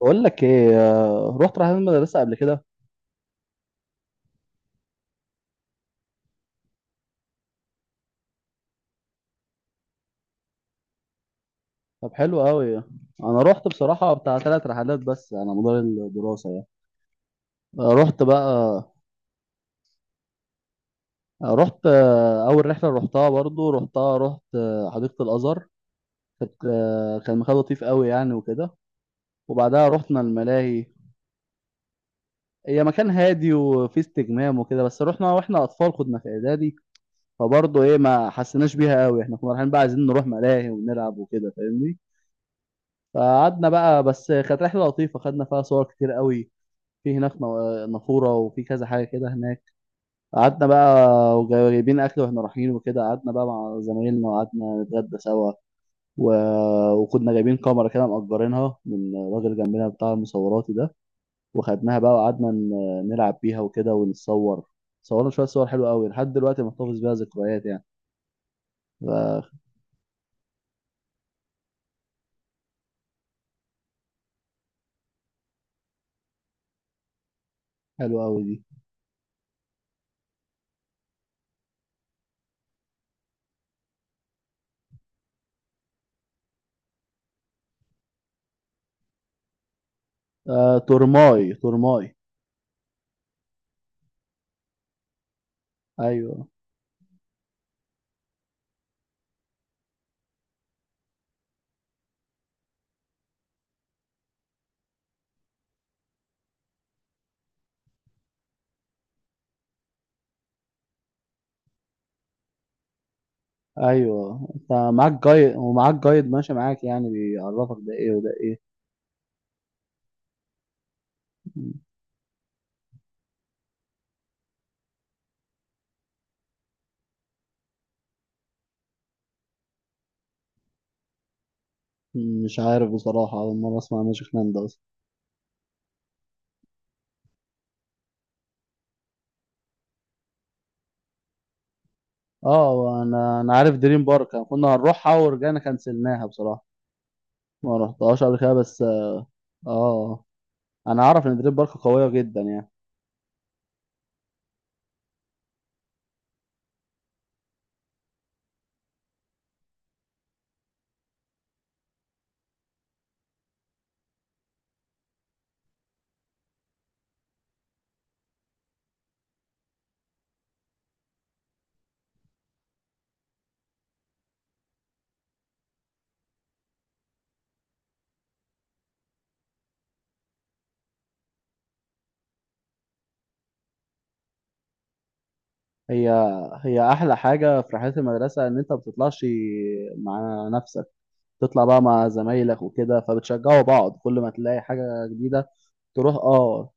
بقول لك ايه، رحت رحلات مدرسة قبل كده. طب حلو قوي. انا رحت بصراحة بتاع ثلاث رحلات بس على مدار الدراسة يعني. آه، رحت بقى آه، رحت آه، اول رحلة رحتها برضو رحتها رحت آه، حديقة الازهر. كان مكان لطيف قوي يعني وكده، وبعدها رحنا الملاهي. هي مكان هادي وفيه استجمام وكده، بس رحنا واحنا اطفال كنا في اعدادي، فبرضه ايه ما حسيناش بيها قوي، احنا كنا رايحين بقى عايزين نروح ملاهي ونلعب وكده، فاهمني؟ فقعدنا بقى، بس كانت رحله لطيفه خدنا فيها صور كتير قوي. في هناك نافوره وفي كذا حاجه كده هناك. قعدنا بقى وجايبين اكل واحنا رايحين وكده، قعدنا بقى مع زمايلنا وقعدنا نتغدى سوا و... وكنا جايبين كاميرا كده مأجرينها من راجل جنبنا بتاع المصوراتي ده، وخدناها بقى وقعدنا نلعب بيها وكده ونتصور. صورنا شويه صور حلوه قوي، لحد دلوقتي محتفظ بيها ذكريات يعني. ف- حلوه قوي دي. آه، تورماي تورماي. ايوه ايوه، انت معاك جايد ومعاك جايد ماشي معاك يعني بيعرفك ده ايه وده ايه. م- مش عارف بصراحة، أول مرة أسمع ماجيك لاند أصلا. اه، أنا عارف دريم بارك، كنا هنروحها ورجعنا كنسلناها بصراحة. ما رحتهاش قبل كده بس. اه. أنا أعرف إن دريم بارك قوية جدا يعني. هي هي أحلى حاجة في رحلات المدرسة إن أنت ما بتطلعش مع نفسك، تطلع بقى مع زمايلك وكده فبتشجعوا بعض كل ما تلاقي حاجة جديدة. تروح اه،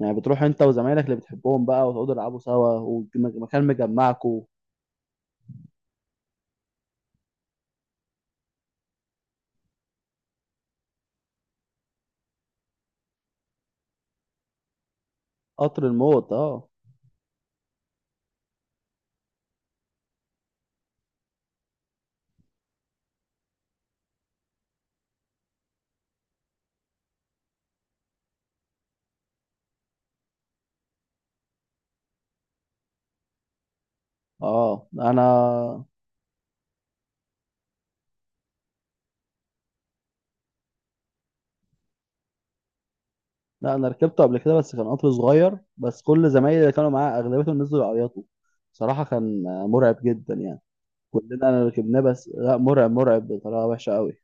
يعني بتروح انت وزمايلك اللي بتحبهم بقى وتقعدوا تلعبوا سوا ومكان مجمعكم. قطر الموت اه. اه لا انا ركبته قبل كده بس كان قطر صغير، بس كل زمايلي اللي كانوا معايا اغلبيتهم نزلوا يعيطوا. صراحة كان مرعب جدا يعني. كلنا انا ركبناه، بس لا، مرعب مرعب بطريقة وحشة قوي.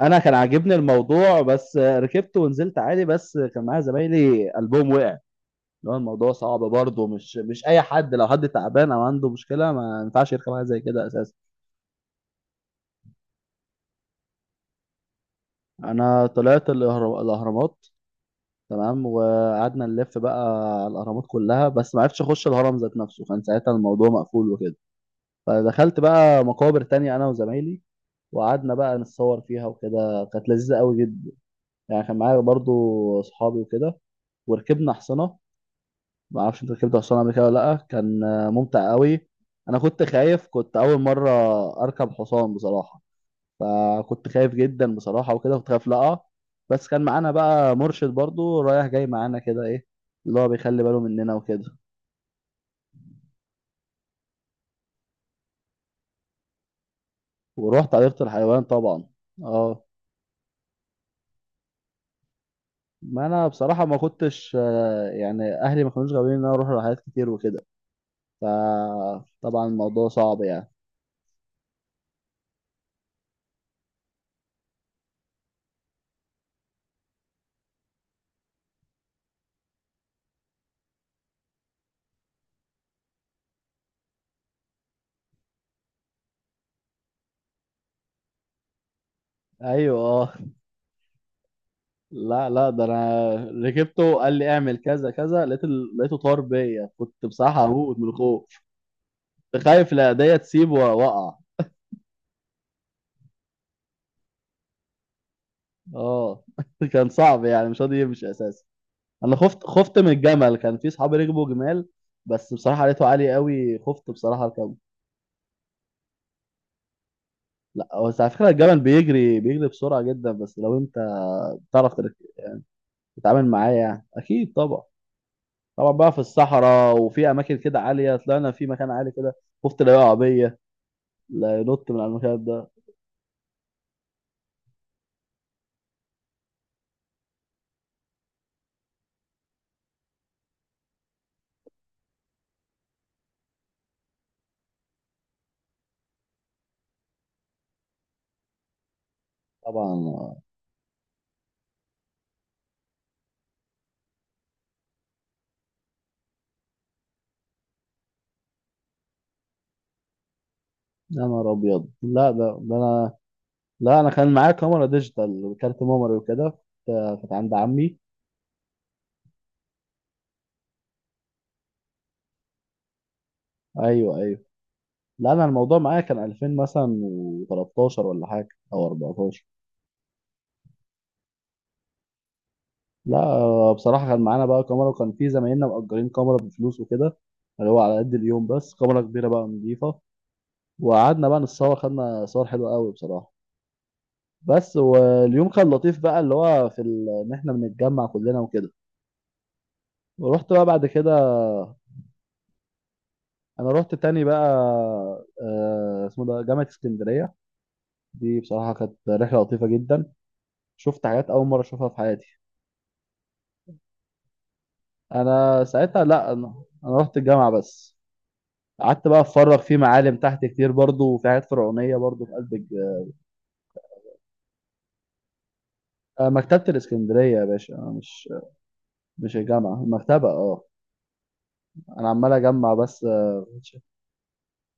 انا كان عاجبني الموضوع، بس ركبت ونزلت عادي، بس كان معايا زمايلي قلبهم وقع. اللي هو الموضوع صعب برضه، مش اي حد، لو حد تعبان او عنده مشكلة ما ينفعش يركب حاجة زي كده اساسا. انا طلعت الاهرامات، تمام، وقعدنا نلف بقى على الاهرامات كلها، بس ما عرفتش اخش الهرم ذات نفسه، كان ساعتها الموضوع مقفول وكده، فدخلت بقى مقابر تانية انا وزمايلي، وقعدنا بقى نتصور فيها وكده، كانت لذيذة قوي جدا يعني. كان معايا برضو صحابي وكده، وركبنا حصانة. ما اعرفش انت ركبت حصانة قبل كده ولا لا؟ كان ممتع قوي. انا كنت خايف، كنت اول مرة اركب حصان بصراحة، فكنت خايف جدا بصراحة وكده، كنت خايف لا أقع، بس كان معانا بقى مرشد برضو رايح جاي معانا كده ايه، اللي هو بيخلي باله مننا وكده. ورحت حديقة الحيوان طبعا، اه. ما انا بصراحة ما كنتش يعني، اهلي ما كانوش غاويين ان انا اروح رحلات كتير وكده، فطبعا الموضوع صعب يعني. ايوه اه. لا لا، ده انا ركبته قال لي اعمل كذا كذا، لقيت لقيته طار بيا، كنت بصراحة هموت من الخوف. كنت خايف العيدية تسيبه واقع. اه كان صعب يعني، مش راضي يمشي اساسا. انا خفت من الجمل، كان في صحابي ركبوا جمال، بس بصراحه لقيته عالي قوي، خفت بصراحه اركبه. لا، هو على فكره الجمل بيجري بيجري بسرعه جدا، بس لو انت بتعرف ترك- تتعامل معاه يعني، اكيد طبعا. طبعا بقى في الصحراء وفي اماكن كده عاليه، طلعنا في مكان عالي كده، خفت لا يقع بيا، لا ينط من على المكان ده. طبعا. يا نهار ابيض. لا ده انا. لا انا كان معايا كاميرا ديجيتال وكارت ميموري وكده، كانت عند عمي. ايوه ايوه. لا انا الموضوع معايا كان 2000 مثلا و13 ولا حاجه او 14. لا بصراحه كان معانا بقى كاميرا وكان في زمايلنا مأجرين كاميرا بفلوس وكده، اللي هو على قد اليوم، بس كاميرا كبيره بقى نضيفه. وقعدنا بقى نتصور خدنا صور حلوه قوي بصراحه. بس واليوم كان لطيف بقى اللي هو ان احنا بنتجمع كلنا وكده. ورحت بقى بعد كده، انا رحت تاني بقى اسمه ده جامعه اسكندريه. دي بصراحه كانت رحله لطيفه جدا، شفت حاجات اول مره اشوفها في حياتي. انا ساعتها، لا انا انا رحت الجامعه بس. قعدت بقى اتفرج في معالم تحت كتير برضو وفي حاجات فرعونيه برضو في قلب مكتبه الاسكندريه يا باشا، مش مش الجامعه، المكتبه، اه. انا عمال اجمع بس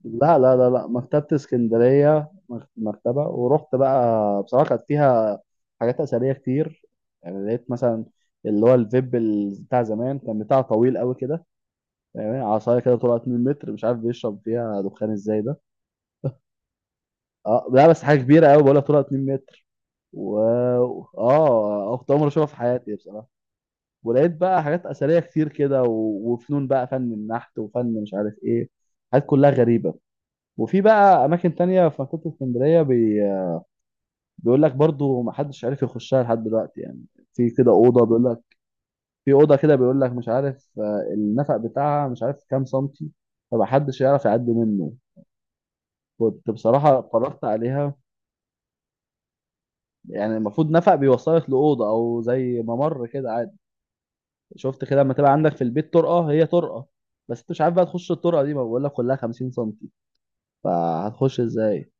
لا لا لا لا، مكتبه اسكندريه، مكتبه. ورحت بقى بصراحه كانت فيها حاجات اثريه كتير، يعني لقيت مثلا اللي هو الفيب بتاع زمان كان بتاع طويل قوي كده، يعني عصايه كده طلعت 2 متر، مش عارف بيشرب فيها دخان ازاي ده. اه، لا بس حاجه كبيره قوي بقولها طولها 2 متر. و اه، كنت اول مره اشوفها في حياتي بصراحه. ولقيت بقى حاجات اثريه كتير كده وفنون بقى، فن النحت وفن مش عارف ايه، حاجات كلها غريبه. وفي بقى اماكن تانية في منطقه اسكندريه بيقول لك برضو ما حدش عارف يخشها لحد دلوقتي يعني، في كده اوضه، بيقول لك في اوضه كده، بيقول لك مش عارف النفق بتاعها مش عارف كام سنتي، فمحدش يعرف يعدي منه. كنت بصراحه اتفرجت عليها. يعني المفروض نفق بيوصلك لأوضة أو زي ممر كده عادي. شفت كده لما تبقى عندك في البيت طرقة هي طرقة، بس أنت مش عارف بقى تخش الطرقة دي، ما بقول لك كلها 50 سنتي، فهتخش إزاي؟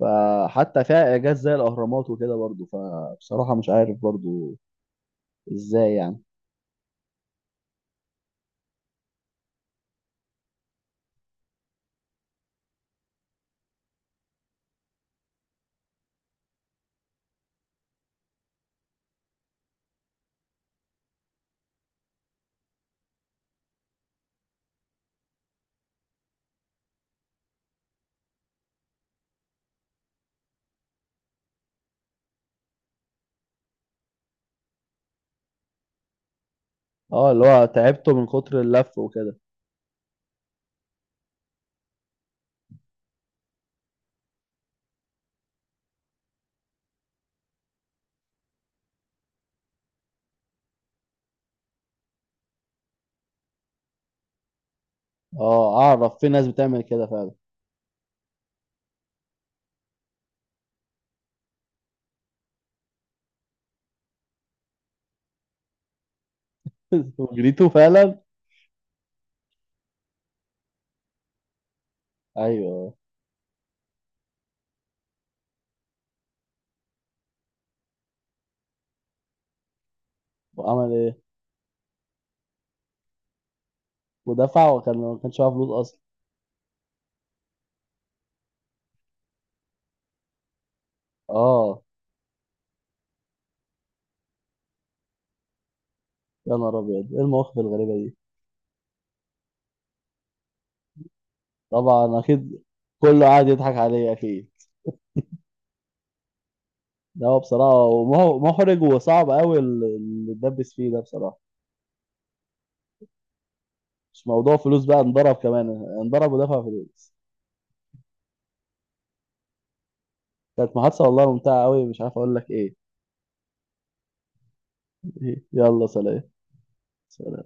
فحتى فيها إعجاز زي الأهرامات وكده برضو، فبصراحة مش عارف برضو إزاي يعني. اه، اللي هو تعبته من كتر اللف وكده. اه، أعرف في ناس بتعمل كده فعلا. جريته فعلا. أيوه. وعمل إيه ودفع، وكان ما كانش معاه فلوس أصلا. اه. يا نهار أبيض، إيه المواقف الغريبة دي. طبعا اكيد، كله قاعد يضحك عليه اكيد. ده هو بصراحه محرج وصعب قوي اللي اتدبس فيه ده بصراحه. مش موضوع فلوس بقى، انضرب كمان، انضرب ودفع فلوس. كانت محادثه والله ممتعه قوي، مش عارف اقول لك ايه. يلا سلام. سلام.